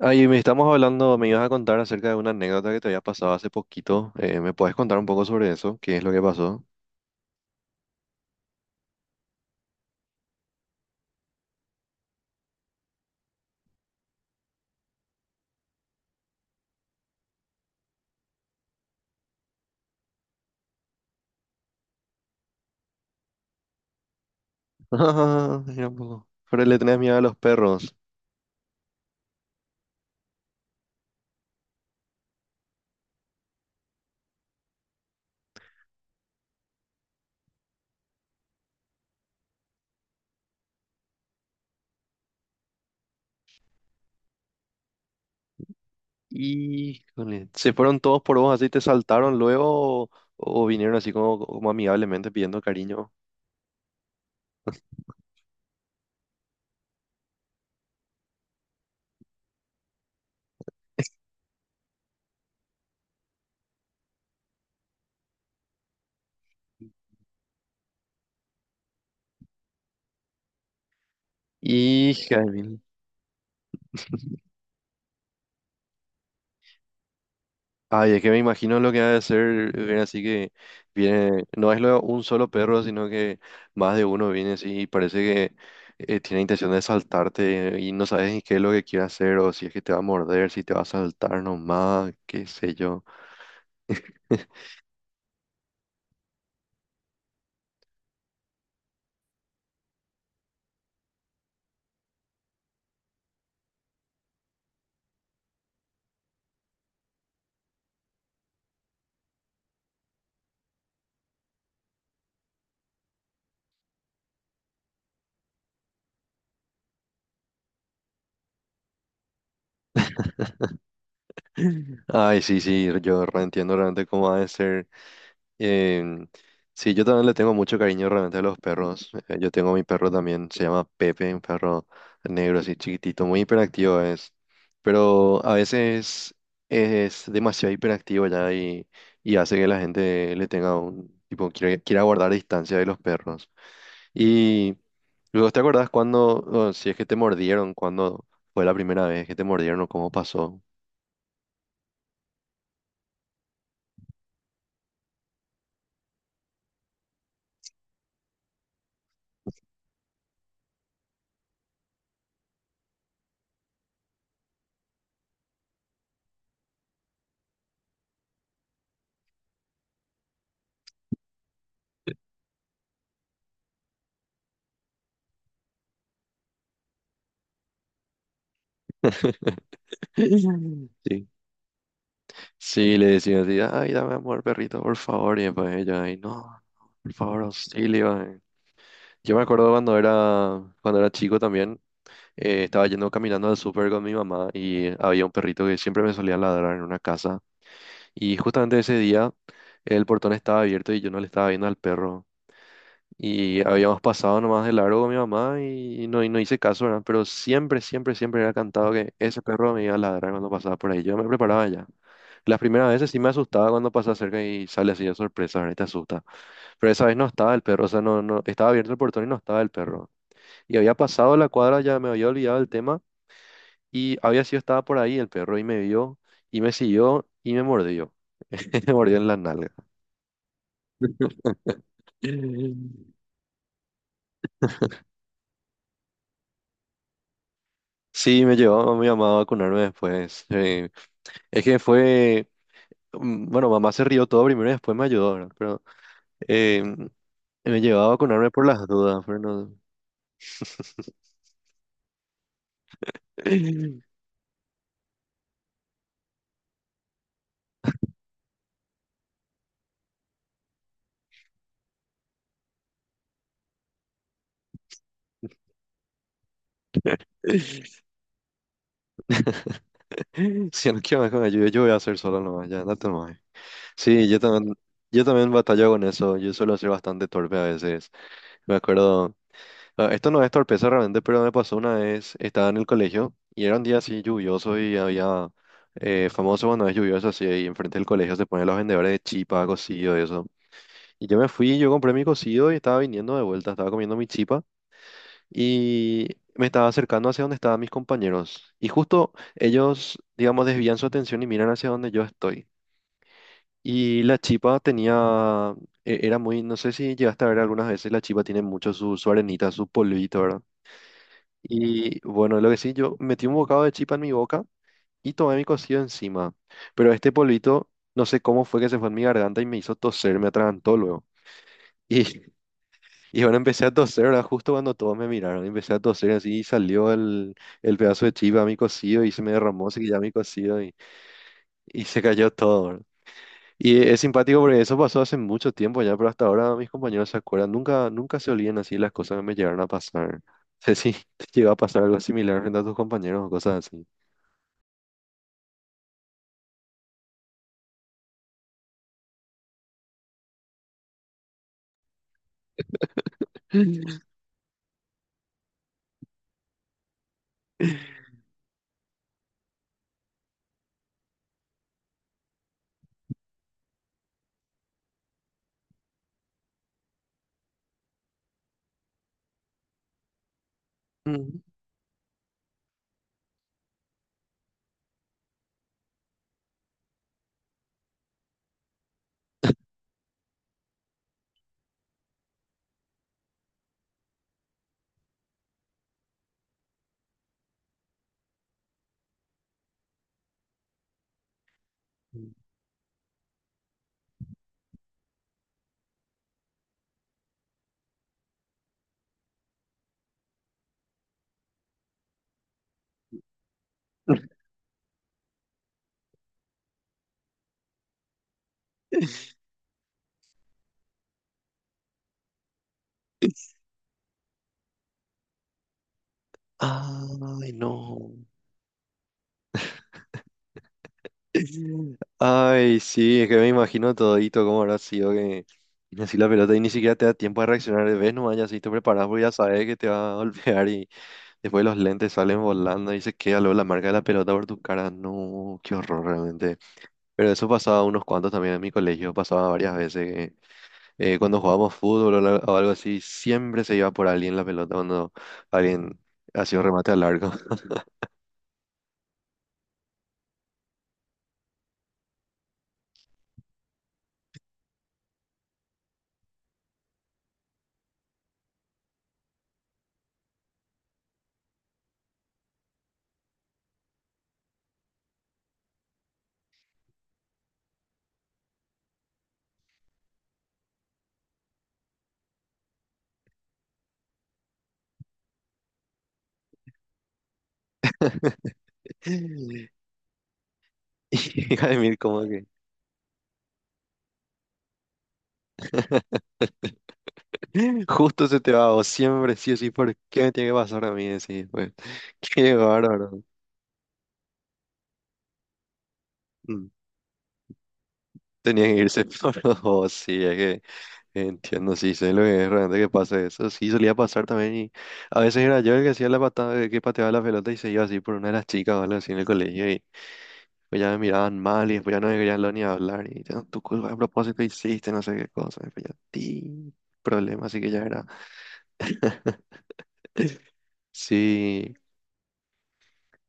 Ay, me estamos hablando, me ibas a contar acerca de una anécdota que te había pasado hace poquito. ¿Me puedes contar un poco sobre eso? ¿Qué es lo que pasó? Ah, mira un poco. Pero le tenés miedo a los perros. Híjole. ¿Se fueron todos por vos así, te saltaron luego o vinieron así como amigablemente pidiendo cariño? Hija, ay, es que me imagino lo que ha de ser, viene así que viene, no es lo- un solo perro, sino que más de uno viene así y parece que tiene intención de saltarte y no sabes ni qué es lo que quiere hacer o si es que te va a morder, si te va a saltar nomás, qué sé yo. Ay, sí, sí, yo reentiendo realmente cómo ha de ser. Em, sí, yo también le tengo mucho cariño realmente a los perros. Yo tengo mi perro también, se llama Pepe, un perro negro así chiquitito, muy hiperactivo es. Pero a veces es demasiado hiperactivo ya y hace que la gente le tenga un tipo, quiera guardar distancia de los perros. Y luego, ¿te acordás cuando, o si es que te mordieron, cuando fue la primera vez que te mordieron o cómo pasó? Sí. Sí, le decía así, ay, dame amor, perrito, por favor. Y después ella, ay, no, por favor, auxilio. Yo me acuerdo cuando era chico también, estaba yendo caminando al súper con mi mamá y había un perrito que siempre me solía ladrar en una casa. Y justamente ese día el portón estaba abierto y yo no le estaba viendo al perro. Y habíamos pasado nomás de largo con mi mamá y no hice caso, ¿verdad? Pero siempre, siempre, siempre era cantado que ese perro me iba a ladrar cuando pasaba por ahí. Yo me preparaba ya. Las primeras veces sí me asustaba cuando pasaba cerca y sale así de sorpresa, ¿verdad? Y te asusta. Pero esa vez no estaba el perro, o sea, no, no, estaba abierto el portón y no estaba el perro. Y había pasado la cuadra, ya me había olvidado el tema y había sido, estaba por ahí el perro y me vio y me siguió y me mordió. Me mordió en la nalga. Sí, me llevó a mi mamá a vacunarme después. Es que fue, bueno, mamá se rió todo primero y después me ayudó, ¿verdad? Pero em, me llevaba a vacunarme por las dudas, pero no. Si no quiero más que me ayude, yo voy a hacer solo nomás, ya, no te muevas. Sí, yo también batallo con eso, yo suelo ser bastante torpe a veces. Me acuerdo, ah, esto no es torpeza realmente, pero me pasó una vez, estaba en el colegio y era un día así lluvioso y había, famoso cuando es lluvioso así, y enfrente del colegio se ponen los vendedores de chipa, cocido y eso. Y yo me fui, yo compré mi cocido y estaba viniendo de vuelta, estaba comiendo mi chipa y me estaba acercando hacia donde estaban mis compañeros. Y justo ellos, digamos, desvían su atención y miran hacia donde yo estoy. Y la chipa tenía, era muy, no sé si llegaste a ver algunas veces, la chipa tiene mucho su arenita, su polvito, ¿verdad? Y bueno, lo que sí, yo metí un bocado de chipa en mi boca y tomé mi cocido encima. Pero este polvito, no sé cómo fue que se fue en mi garganta y me hizo toser, me atragantó luego. y Y bueno, empecé a toser, ¿verdad? Justo cuando todos me miraron, empecé a toser así y salió el pedazo de chiva a mi cocido y se me derramó, se ya mi cocido y se cayó todo, ¿verdad? Y es simpático porque eso pasó hace mucho tiempo ya, pero hasta ahora mis compañeros se acuerdan, nunca, nunca se olvidan así las cosas que me llegaron a pasar. No sé si te llegó a pasar algo similar frente a tus compañeros o cosas así. Mm. Ay, no. Ay, sí, es que me imagino todito cómo habrá sido que tienes así la pelota y ni siquiera te da tiempo de reaccionar ves vez, no ya si te preparas porque ya sabes que te va a golpear y después los lentes salen volando y se queda luego la marca de la pelota por tu cara. No, qué horror realmente. Pero eso pasaba unos cuantos también en mi colegio, pasaba varias veces. Que, cuando jugábamos fútbol o algo así, siempre se iba por alguien la pelota cuando alguien hacía un remate al largo. Y Jaime, como justo se te va, o siempre sí o sí, ¿por qué me tiene que pasar a mí? Decís, pues, qué bárbaro. Mm, tenía que irse por los dos, sí, es que entiendo, sí, sé lo que es realmente que pasa eso. Sí, solía pasar también y a veces era yo el que hacía la patada, el que pateaba la pelota y se iba así por una de las chicas o algo así en el colegio y pues ya me miraban mal y después ya no me querían lo ni hablar y "Ah, tu culpa a propósito hiciste no sé qué cosa, y pues ya, ti, problema, así que ya era. Sí,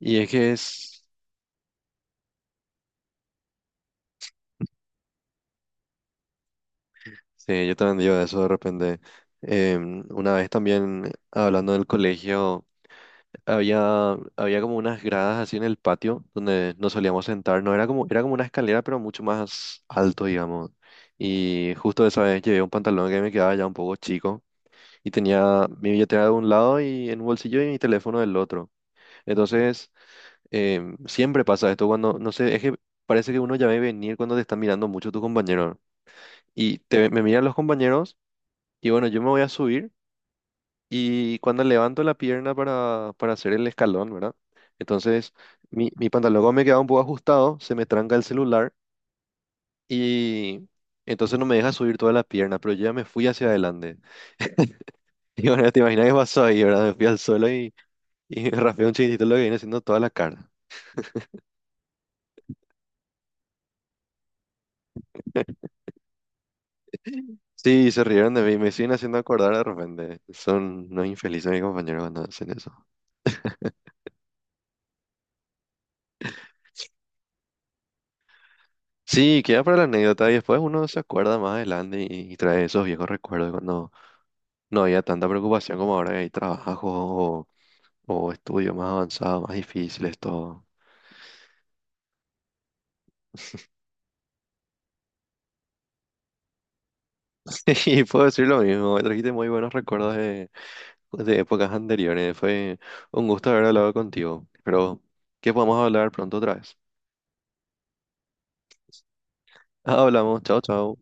y es que es... Sí, yo también digo eso de repente. Una vez también hablando del colegio, había como unas gradas así en el patio donde nos solíamos sentar. No era como, era como una escalera, pero mucho más alto, digamos. Y justo esa vez llevé un pantalón que me quedaba ya un poco chico y tenía mi billetera de un lado y en un bolsillo y mi teléfono del otro. Entonces, siempre pasa esto cuando, no sé, es que parece que uno ya ve venir cuando te están mirando mucho tu compañero. Me miran los compañeros. Y bueno, yo me voy a subir y cuando levanto la pierna para hacer el escalón, ¿verdad? Entonces, mi pantalón como me queda un poco ajustado, se me tranca el celular y entonces no me deja subir toda la pierna, pero yo ya me fui hacia adelante. Y bueno, te imaginas qué pasó ahí, ¿verdad? Me fui al suelo y me raspé un chiquitito lo que viene haciendo toda la cara. Sí, se rieron de mí, me siguen haciendo acordar de repente. Son unos infelices mis compañeros cuando hacen eso. Sí, queda para la anécdota y después uno se acuerda más adelante y trae esos viejos recuerdos de cuando no había tanta preocupación como ahora que hay trabajos o estudios más avanzados, más difíciles, todo. Y puedo decir lo mismo, me trajiste muy buenos recuerdos de épocas anteriores. Fue un gusto haber hablado contigo. Pero que podamos hablar pronto otra vez. Hablamos, chao, chao.